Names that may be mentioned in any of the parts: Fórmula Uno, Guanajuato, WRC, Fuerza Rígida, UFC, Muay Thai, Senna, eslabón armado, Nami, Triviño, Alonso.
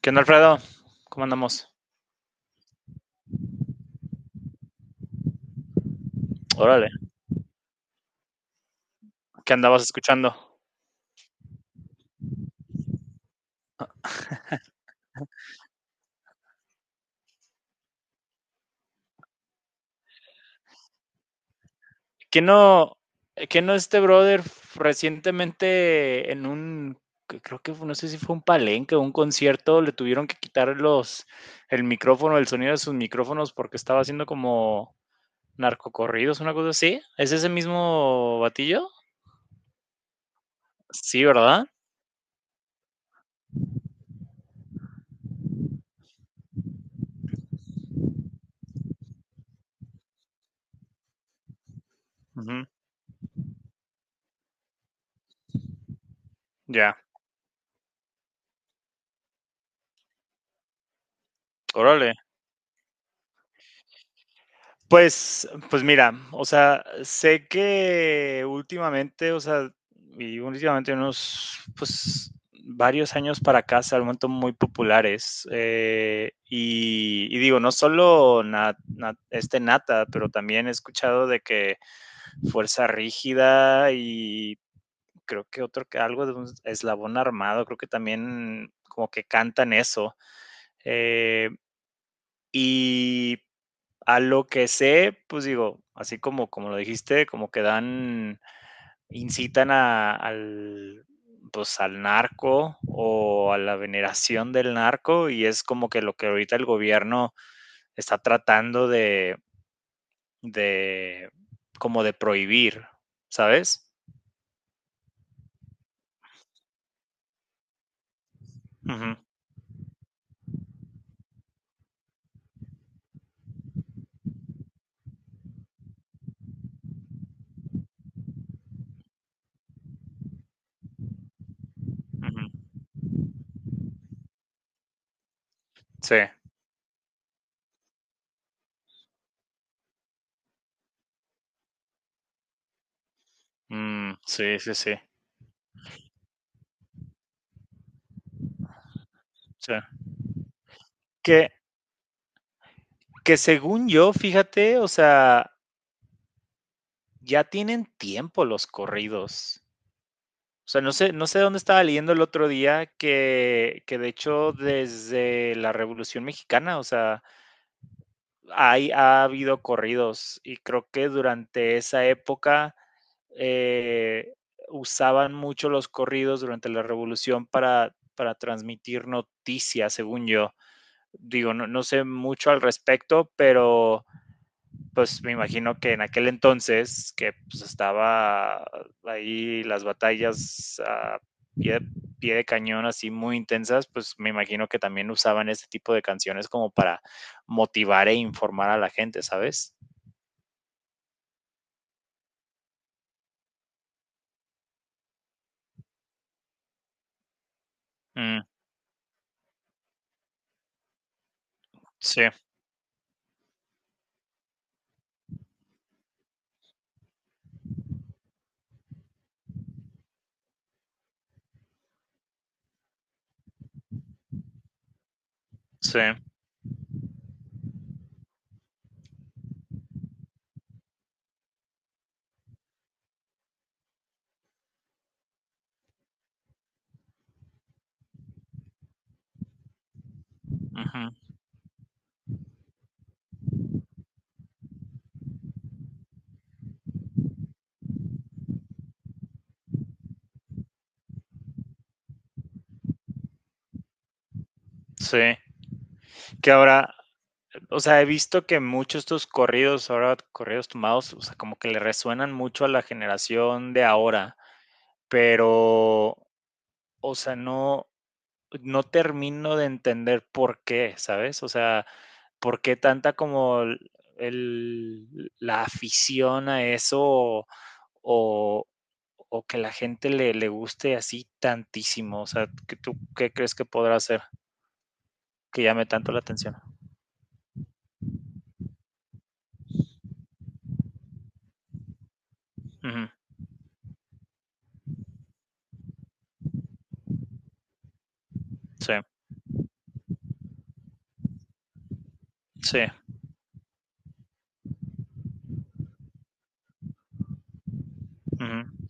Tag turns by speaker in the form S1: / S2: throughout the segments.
S1: ¿Qué onda, Alfredo? ¿Cómo andamos? Órale. ¿Qué andabas escuchando? ¿Qué no, qué no este brother recientemente en un, que creo que no sé si fue un palenque o un concierto, le tuvieron que quitar los, el micrófono, el sonido de sus micrófonos porque estaba haciendo como narcocorridos, una cosa así? ¿Es ese mismo batillo? Sí, ¿verdad? Ujú. Ya. Órale. Pues mira, o sea, sé que últimamente, o sea, y últimamente unos, pues, varios años para acá se han vuelto muy populares. Y, y digo, no solo este Nata, pero también he escuchado de que Fuerza Rígida y creo que otro, que algo de un eslabón armado, creo que también como que cantan eso. eh, y a lo que sé, pues digo, así como, como lo dijiste, como que dan, incitan al, pues al narco o a la veneración del narco y es como que lo que ahorita el gobierno está tratando de como de prohibir, ¿sabes? Ujú, ujú. Sí, mm, sí, sí, sí, sí. Que, que según yo, fíjate, o sea, ya tienen tiempo los corridos. O sea, no sé, no sé dónde estaba leyendo el otro día que de hecho desde la Revolución Mexicana, o sea, hay, ha habido corridos y creo que durante esa época eh, usaban mucho los corridos durante la Revolución para transmitir noticias, según yo. Digo, no, no sé mucho al respecto, pero pues me imagino que en aquel entonces, que pues, estaba ahí las batallas a pie, pie, de cañón así muy intensas, pues me imagino que también usaban ese tipo de canciones como para motivar e informar a la gente, ¿sabes? Mm, sí, sí, uh -huh, sí. Que ahora, o sea, he visto que muchos estos corridos, ahora corridos tomados, o sea, como que le resuenan mucho a la generación de ahora, pero, o sea, no, no termino de entender por qué, ¿sabes? O sea, por qué tanta como el, la afición a eso o, o que la gente le, le, guste así tantísimo. O sea, ¿qué, ¿tú qué crees que podrá hacer que llame tanto la atención? Uh -huh. Sí, sí, uh -huh.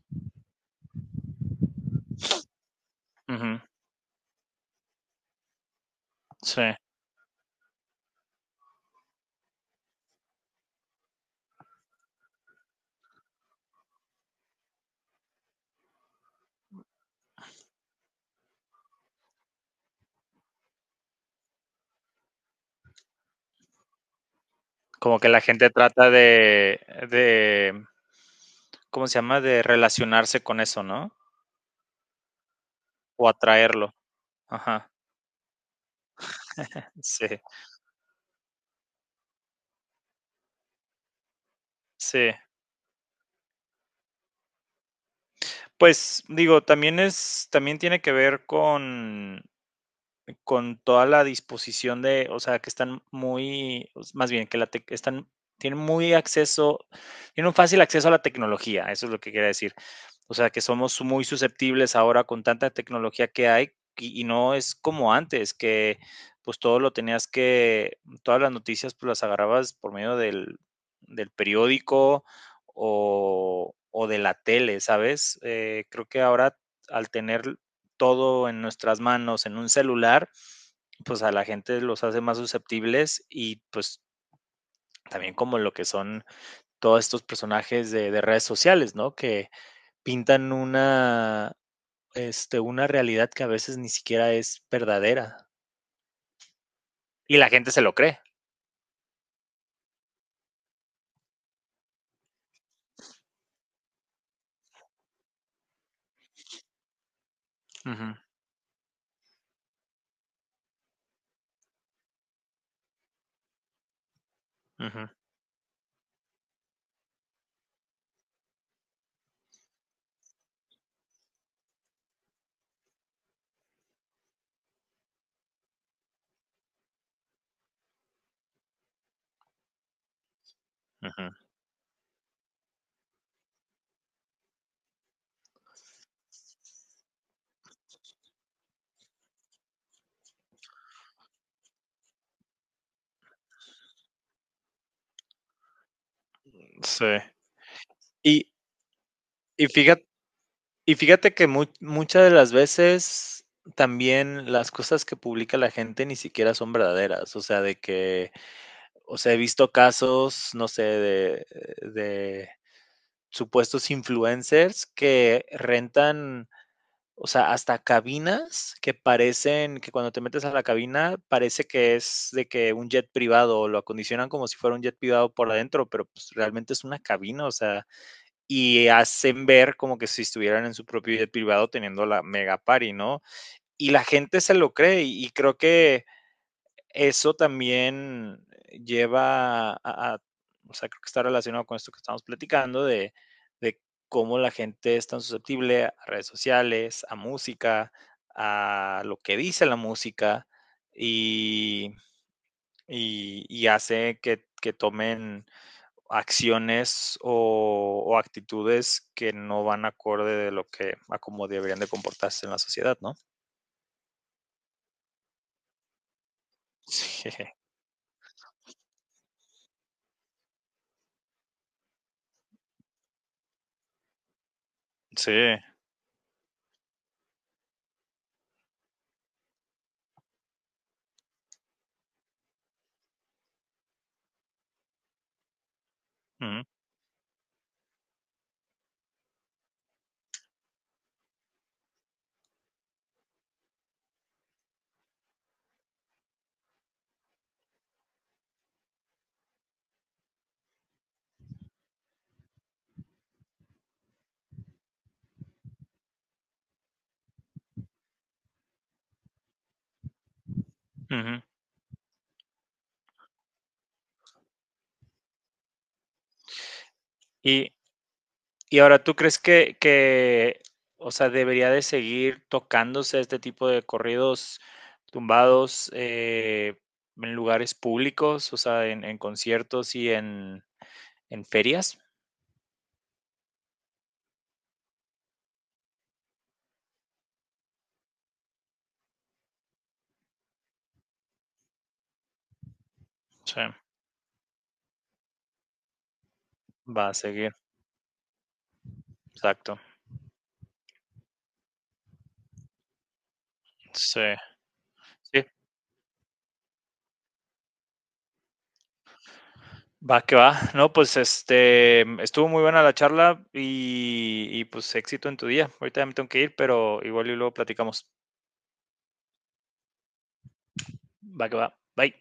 S1: Uh -huh. Sí. Como que la gente trata de, ¿cómo se llama? De relacionarse con eso, ¿no? O atraerlo. Ajá. Sí, sí. Pues digo, también es, también tiene que ver con toda la disposición de, o sea, que están muy, más bien, que la están, tienen muy acceso, tienen un fácil acceso a la tecnología, eso es lo que quería decir. O sea, que somos muy susceptibles ahora con tanta tecnología que hay y no es como antes, que pues todo lo tenías que, todas las noticias pues las agarrabas por medio del, del periódico o de la tele, ¿sabes? Creo que ahora al tener todo en nuestras manos, en un celular, pues a la gente los hace más susceptibles y pues también como lo que son todos estos personajes de redes sociales, ¿no? Que pintan una, este, una realidad que a veces ni siquiera es verdadera y la gente se lo cree. Uh -huh, uh -huh, uh -huh. Sí. Y, y, fíjate, y fíjate que mu muchas de las veces también las cosas que publica la gente ni siquiera son verdaderas, o sea, de que o sea, he visto casos, no sé, de supuestos influencers que rentan, o sea, hasta cabinas que parecen, que cuando te metes a la cabina parece que es de que un jet privado, o lo acondicionan como si fuera un jet privado por adentro, pero pues realmente es una cabina, o sea, y hacen ver como que si estuvieran en su propio jet privado teniendo la mega party, ¿no? Y la gente se lo cree y creo que eso también lleva o sea, creo que está relacionado con esto que estamos platicando de cómo la gente es tan susceptible a redes sociales, a música, a lo que dice la música y, y hace que tomen acciones o actitudes que no van acorde de lo que, a cómo deberían de comportarse en la sociedad, ¿no? Sí, sí. Ujú, ujú. Y, Y ahora, ¿tú crees que, o sea, debería de seguir tocándose este tipo de corridos tumbados en lugares públicos, o sea, en conciertos y en ferias? Sí, va a seguir, exacto. Sí, sí, va que va. No, pues este, estuvo muy buena la charla y pues éxito en tu día. Ahorita ya me tengo que ir, pero igual y luego platicamos. Va que va. Bye.